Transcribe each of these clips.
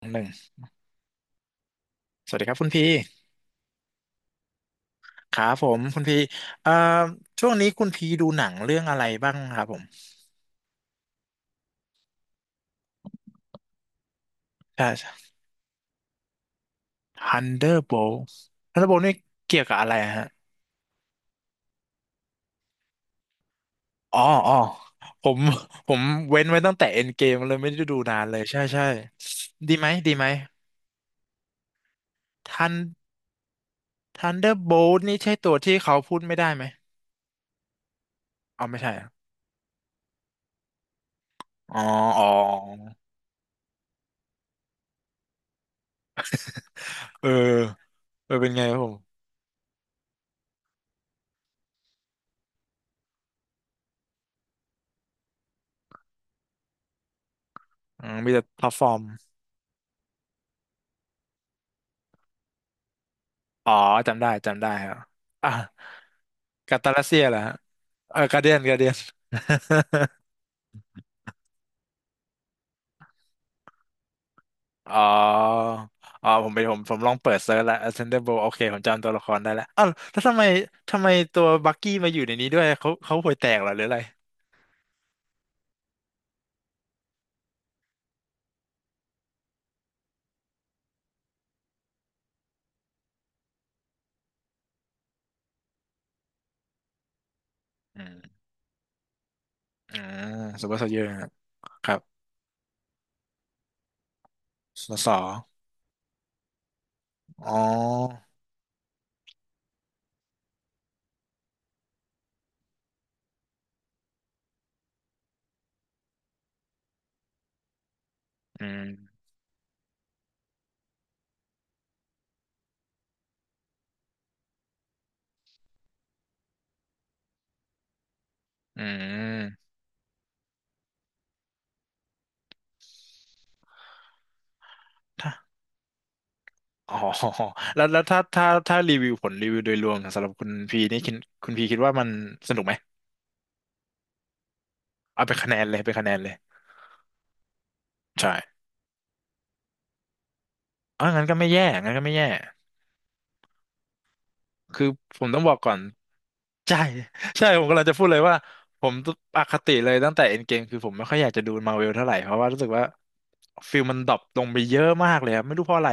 หนึ่งสวัสดีครับคุณพีครับผมคุณพีเอ่อช่วงนี้คุณพีดูหนังเรื่องอะไรบ้างครับผมใช่ฮันเดอร์โบลฮันเดอร์โบลนี่เกี่ยวกับอะไรฮะอ๋ออ๋อผมผมเว้นไว้ตั้งแต่เอ็นเกมเลยไม่ได้ดูนานเลยใช่ใช่ดีไหมดีไหมทันทันเดอร์โบลนี่ใช่ตัวที่เขาพูดไม่ได้ไหมอ๋อไม่ใช่เหอะอ๋ออ๋อเออเออเป็นไงครับผมอืมมีแต่พลตฟอร์มอ๋อจำได้จำได้ครับ กัตตาลัสเซียเหรอฮะเออกาเดียนกาเดียน อ๋ออ๋อผมไปผมลองเปิดเซิร์ชแล้ว Ascendable โอเคผมจำตัวละครได้แล้วอ้าวแล้วทำไมตัวบักกี้มาอยู่ในนี้ด้วยเขาห่วยแตกเหรอหรืออะไรอืมอืมซูเปอร์โซลเจอร์ครับสสอ๋ออืมอืมถ้าอ๋อ แล้วแล้วถ้ารีวิวผลรีวิวโดยรวมสำหรับคุณพีนี่คิดคุณพีคิดว่ามันสนุกไหมเอาเป็นคะแนนเลยเป็นคะแนนเลยใช่ เอองั้นก็ไม่แย่ งั้นก็ไม่แย่ คือผมต้องบอกก่อน ใช่ ใช่ ผมกำลังจะพูดเลยว่าผมอคติเลยตั้งแต่เอ็นเกมคือผมไม่ค่อยอยากจะดูมาร์เวลเท่าไหร่ เพราะว่ารู้สึกว่าฟิลมันดรอปลงไปเยอะมากเลยครับ ไม่รู้เพราะอะไร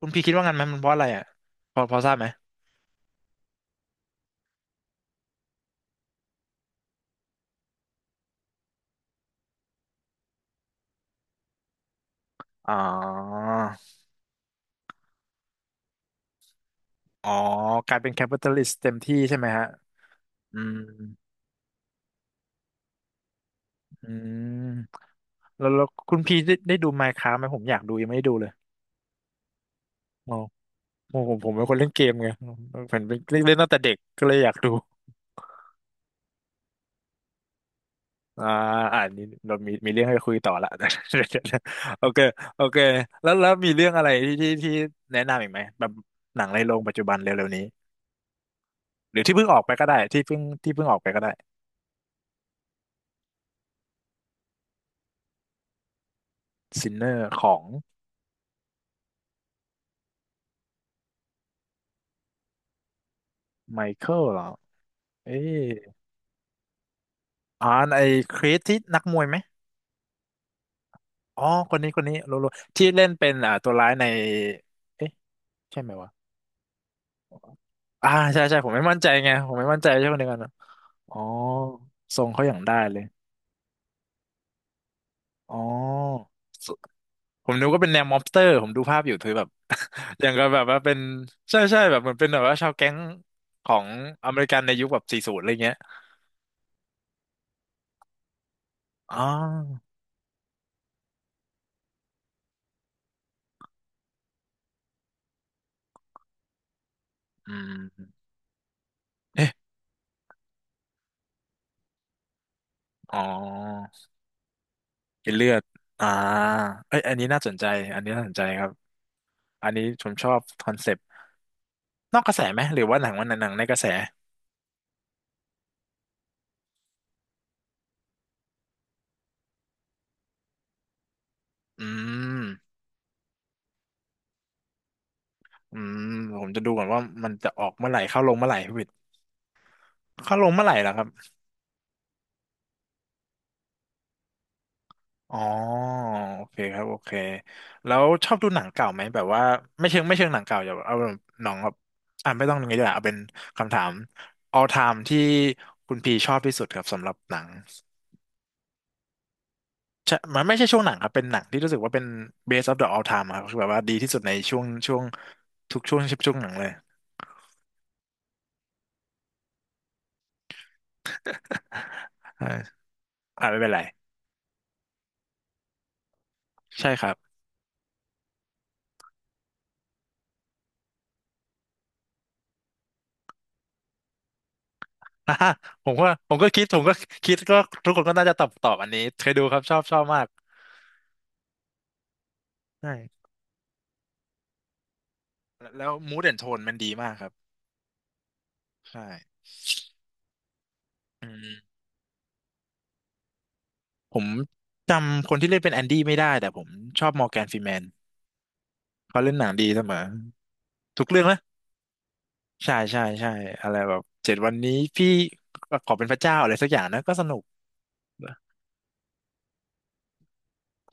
คุณพี่คิดว่างั้นไหมมันเพราะอะไรอ่ะพอพอทราบไหม อ๋อ อ๋อกลายเป็นแคปิตอลิสต์เต็มที่ใช่ไหมฮะอืมอืมแล้วแล้วคุณพี่ได้ได้ดู Minecraft ไหมผมอยากดูยังไม่ได้ดูเลยอ๋อผมเป็นคนเล่นเกมไงผมเป็นเล่นเล่นตั้งแต่เด็กก็เลยอยากดู อ่าอ่านนี้เรามีมีเรื่องให้คุยต่อละ โอเคโอเคแล้วแล้วมีเรื่องอะไรที่แนะนำอีกไหมแบบหนังในโรงปัจจุบันเร็วๆนี้หรือที่เพิ่งออกไปก็ได้ที่เพิ่งออกไปก็ได้ซินเนอร์ของไมเคิลเหรอเอ๊ยอ่านไอ้คริสที่นักมวยไหมอ๋อคนนี้คนนี้รู้รู้ที่เล่นเป็นตัวร้ายในเอ๊ะใช่ไหมวะอ่าใช่ใช่ผมไม่มั่นใจไงผมไม่มั่นใจใช่คนเดียวกันอะอ๋อทรงเขาอย่างได้เลยอ๋อ ผมนึกว่าเป็นแนวม็อบสเตอร์ผมดูภาพอยู่คือแบบ อย่างกับแบบว่าเป็นใช่ใช่แบบเหมือนเป็นแบบว่าชาวแก๊งของอเมริกันในยุคแบบสี่ศูนย์อะไรเงี้ยอ๋ออืมเอ๊ะอ๋อเป็นเลือดอ่าเอ้ยอันนี้น่าสนใจอันนี้น่าสนใจครับอันนี้ผมชอบคอนเซปต์นอกกระแสไหมหรือว่าหนังวันหนังในกระแสอืมอืมผมจะดูก่อนว่ามันจะออกเมื่อไหร่เข้าลงเมื่อไหร่พี่วิทย์เข้าลงเมื่อไหร่เหรอครับ อ๋อโอเคครับโอเคแล้วชอบดูหนังเก่าไหมแบบว่าไม่เชิงไม่เชิงหนังเก่าอย่าเอาแบบหนังแบบอ่ะไม่ต้องอย่างนี้ดีกว่าเอาเป็นคำถาม all time ที่คุณพีชอบที่สุดครับสำหรับหนังใช่มันไม่ใช่ช่วงหนังครับเป็นหนังที่รู้สึกว่าเป็น best of the all time ครับคือแบบว่าดีที่สุดในช่วงทุกช่วงหนังเลย อาไม่เป็นไรใช่ครับ อ่ะผมก็คิดผมก็คิดก็ทุกคนก็น่าจะตอบตอบอันนี้เคยดูครับชอบชอบมากใช่ แล้วมูดแอนโทนมันดีมากครับใช่อืมผมจำคนที่เล่นเป็นแอนดี้ไม่ได้แต่ผมชอบมอร์แกนฟรีแมนเขาเล่นหนังดีเสมอทุกเรื่องนะใช่ใช่ใช่อะไรแบบเจ็ดวันนี้พี่ขอเป็นพระเจ้าอะไรสักอย่างนะก็สนุก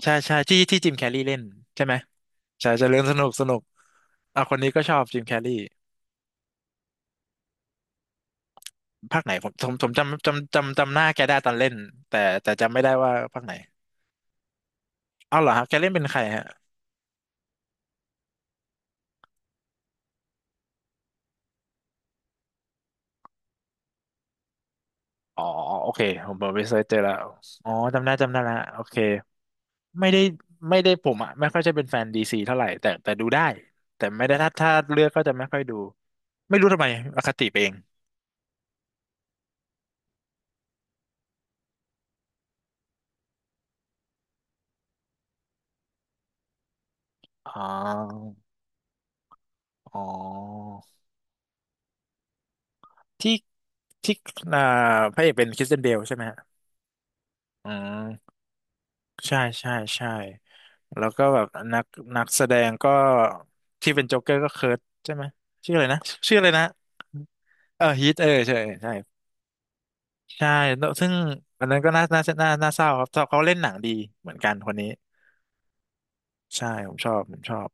ใช่ใช่ที่ที่จิมแคร์รีเล่นใช่ไหมใช่ใช่เรื่องสนุกสนุกอ่ะคนนี้ก็ชอบจิมแคร์รีภาคไหนผมจำหน้าแกได้ตอนเล่นแต่แต่จำไม่ได้ว่าภาคไหนเอาเหรอฮะแกเล่นเป็นใครฮะ อ๋อโอเคผมไปเซิร์ชเจอแล้วอ๋อจำได้จำได้ละโอเคไม่ได้ไม่ได้ผมอ่ะไม่ค่อยจะเป็นแฟนดีซีเท่าไหร่แต่แต่ดูได้แต่ไม่ได้ถ้าถ้าเลือกก็จะไม่ค่อยดูไม่รู้ทำไมอคติไปเองอ๋ออ๋อที่ที่อ่าพระเอกเป็นคริสเตียนเบลใช่ไหมฮะอืมใช่ใช่ใช่แล้วก็แบบนักนักแสดงก็ที่เป็นโจ๊กเกอร์ก็เคิร์ทใช่ไหมชื่ออะไรนะชื่ออะไรนะเออฮีทเออใช่ใช่ ใช่แล้วซึ่งอันนั้นก็น่าเศร้าครับเขาเล่นหนังดีเหมือนกันคนนี้ ใช่ ผมชอบ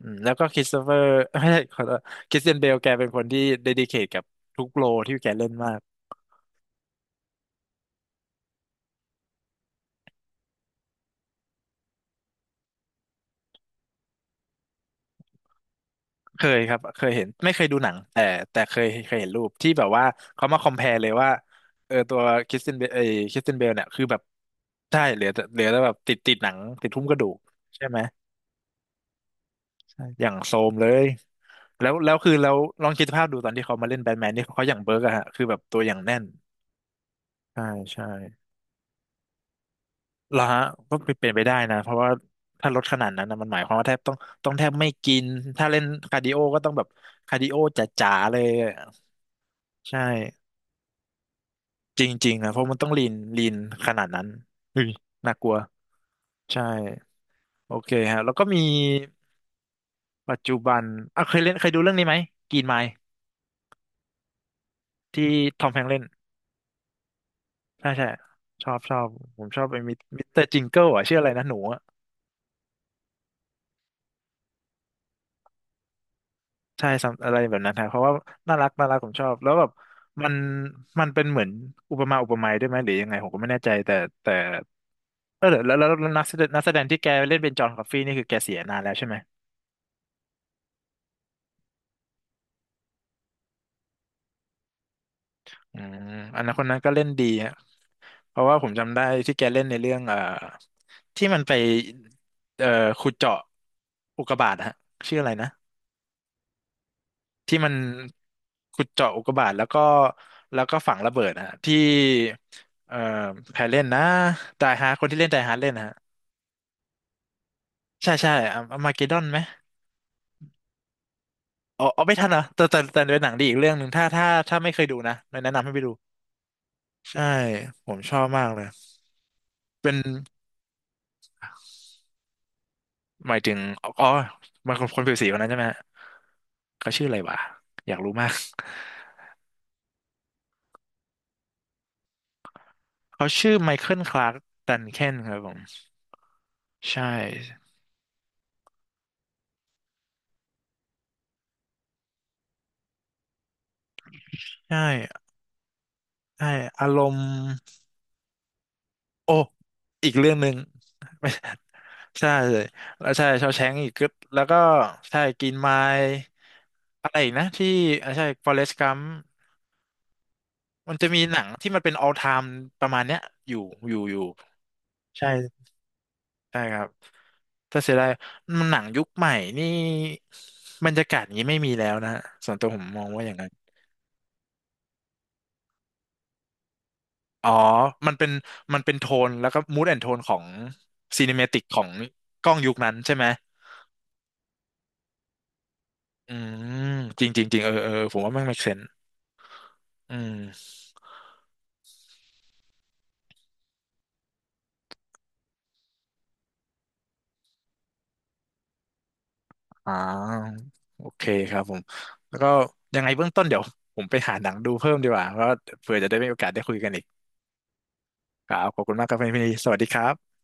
แล้วก็คริสโตเฟอร์ ไม่ใช่ขอโทษคริสเตียนเบลแกเป็นคนที่เดดิเคทกับทุกโรลที่แกเล่นมาก เคยครับ เคยเห็น ไม่เคยดูหนังแต่แต่เคยเห็นรูปที่แบบว่าเขามาคอม p พ r e เลยว่าตัวคริสเตียนเบลคริสเตียนเบลเนี่ยคือแบบใช่เหลือแต่แบบติดหนังติดหุ้มกระดูกใช่ไหมใช่อย่างโซมเลย แล้วแล้วคือแล้วลองคิดภาพดูตอนที่เขามาเล่นแบทแมนนี่เขาอย่างเบิร์กอะฮะคือแบบตัวอย่างแน่นใช่ใช่เหรอฮะก็เป็นไปได้นะเพราะว่าถ้าลดขนาดนั้นนะมันหมายความว่าแทบต้องแทบไม่กินถ้าเล่นคาร์ดิโอก็ต้องแบบคาร์ดิโอจ๋าๆเลยอะใช่จริงๆนะเพราะมันต้องลีนขนาดนั้นเฮ้ยน่ากลัวใช่โอเคฮะแล้วก็มีปัจจุบันอ่ะเคยเล่นเคยดูเรื่องนี้ไหมกรีนไมล์ที่ทอมแฮงค์เล่น ใช่ใช่ชอบชอบผมชอบไอ้มิสมิสเตอร์จิงเกิลอ่ะชื่ออะไรนะหนูอะใช่ some- อะไรแบบนั้นฮะเพราะว่าน่ารักน่ารักผมชอบแล้วแบบมันมันเป็นเหมือนอุปมาอุปไมยด้วยไหมหรือยังไงผมก็ไม่แน่ใจแต่แต่แล้วนักแสดงที่แกเล่นเป็นจอห์นคอฟฟี่นี่คือแกเสียนานแล้วใช่ไหมอืมอันนั้นคนนั้นก็เล่นดีฮะเพราะว่าผมจำได้ที่แกเล่นในเรื่องที่มันไปเอ่อขุดเจาะอุกกาบาตฮะชื่ออะไรนะ ที่มันขุดเจาะอุกกาบาตแล้วก็ฝังระเบิดนะฮะที่เอ่อใครเล่นนะไดฮาร์คนที่เล่นไดฮาร์เล่นนะฮะใช่อะอะมาเกดดอนไหมอ๋อไม่ทันเหรอแต่เป็นหนังดีอีกเรื่องหนึ่งถ้าไม่เคยดูนะแนะนำให้ไปดูใช่ผมชอบมากเลยเป็นหมายถึงอ๋อมันคนผิวสีคนนั้นใช่ไหมฮะเขาชื่ออะไรวะอยากรู้มากเขาชื่อไมเคิลคลาร์กดันเคนครับผมใช่ใช่ใช่อารมณ์ โอ้ อีกเรื่องหนึ่ง ใช่เลยแล้วใช่ชาวแชงอีกก็แล้วก็ใช่กินไมล์อะไรอีกนะที่ใช่ฟอเรสต์กัมมันจะมีหนังที่มันเป็น all time ประมาณเนี้ยอยู่ใช่ใช่ครับถ้าเสียดายมันหนังยุคใหม่นี่บรรยากาศอย่างนี้ไม่มีแล้วนะฮะส่วนตัวผมมองว่าอย่างนั้นอ๋อมันเป็นมันเป็นโทนแล้วก็ mood and tone ของ cinematic ของกล้องยุคนั้นใช่ไหมอืมจริงจริงจริงเออผมว่ามัน make sense อืมอ่าโอเคครับผมแล้วก็ยังไงเบื้องต้นเดี๋ยวผมไปหาหนังดูเพิ่มดีกว่าเพราะว่าเผื่อจะได้มีโอกาสได้คุยกันอีกครับขอบคุณมากครับพี่สวัสดีครับ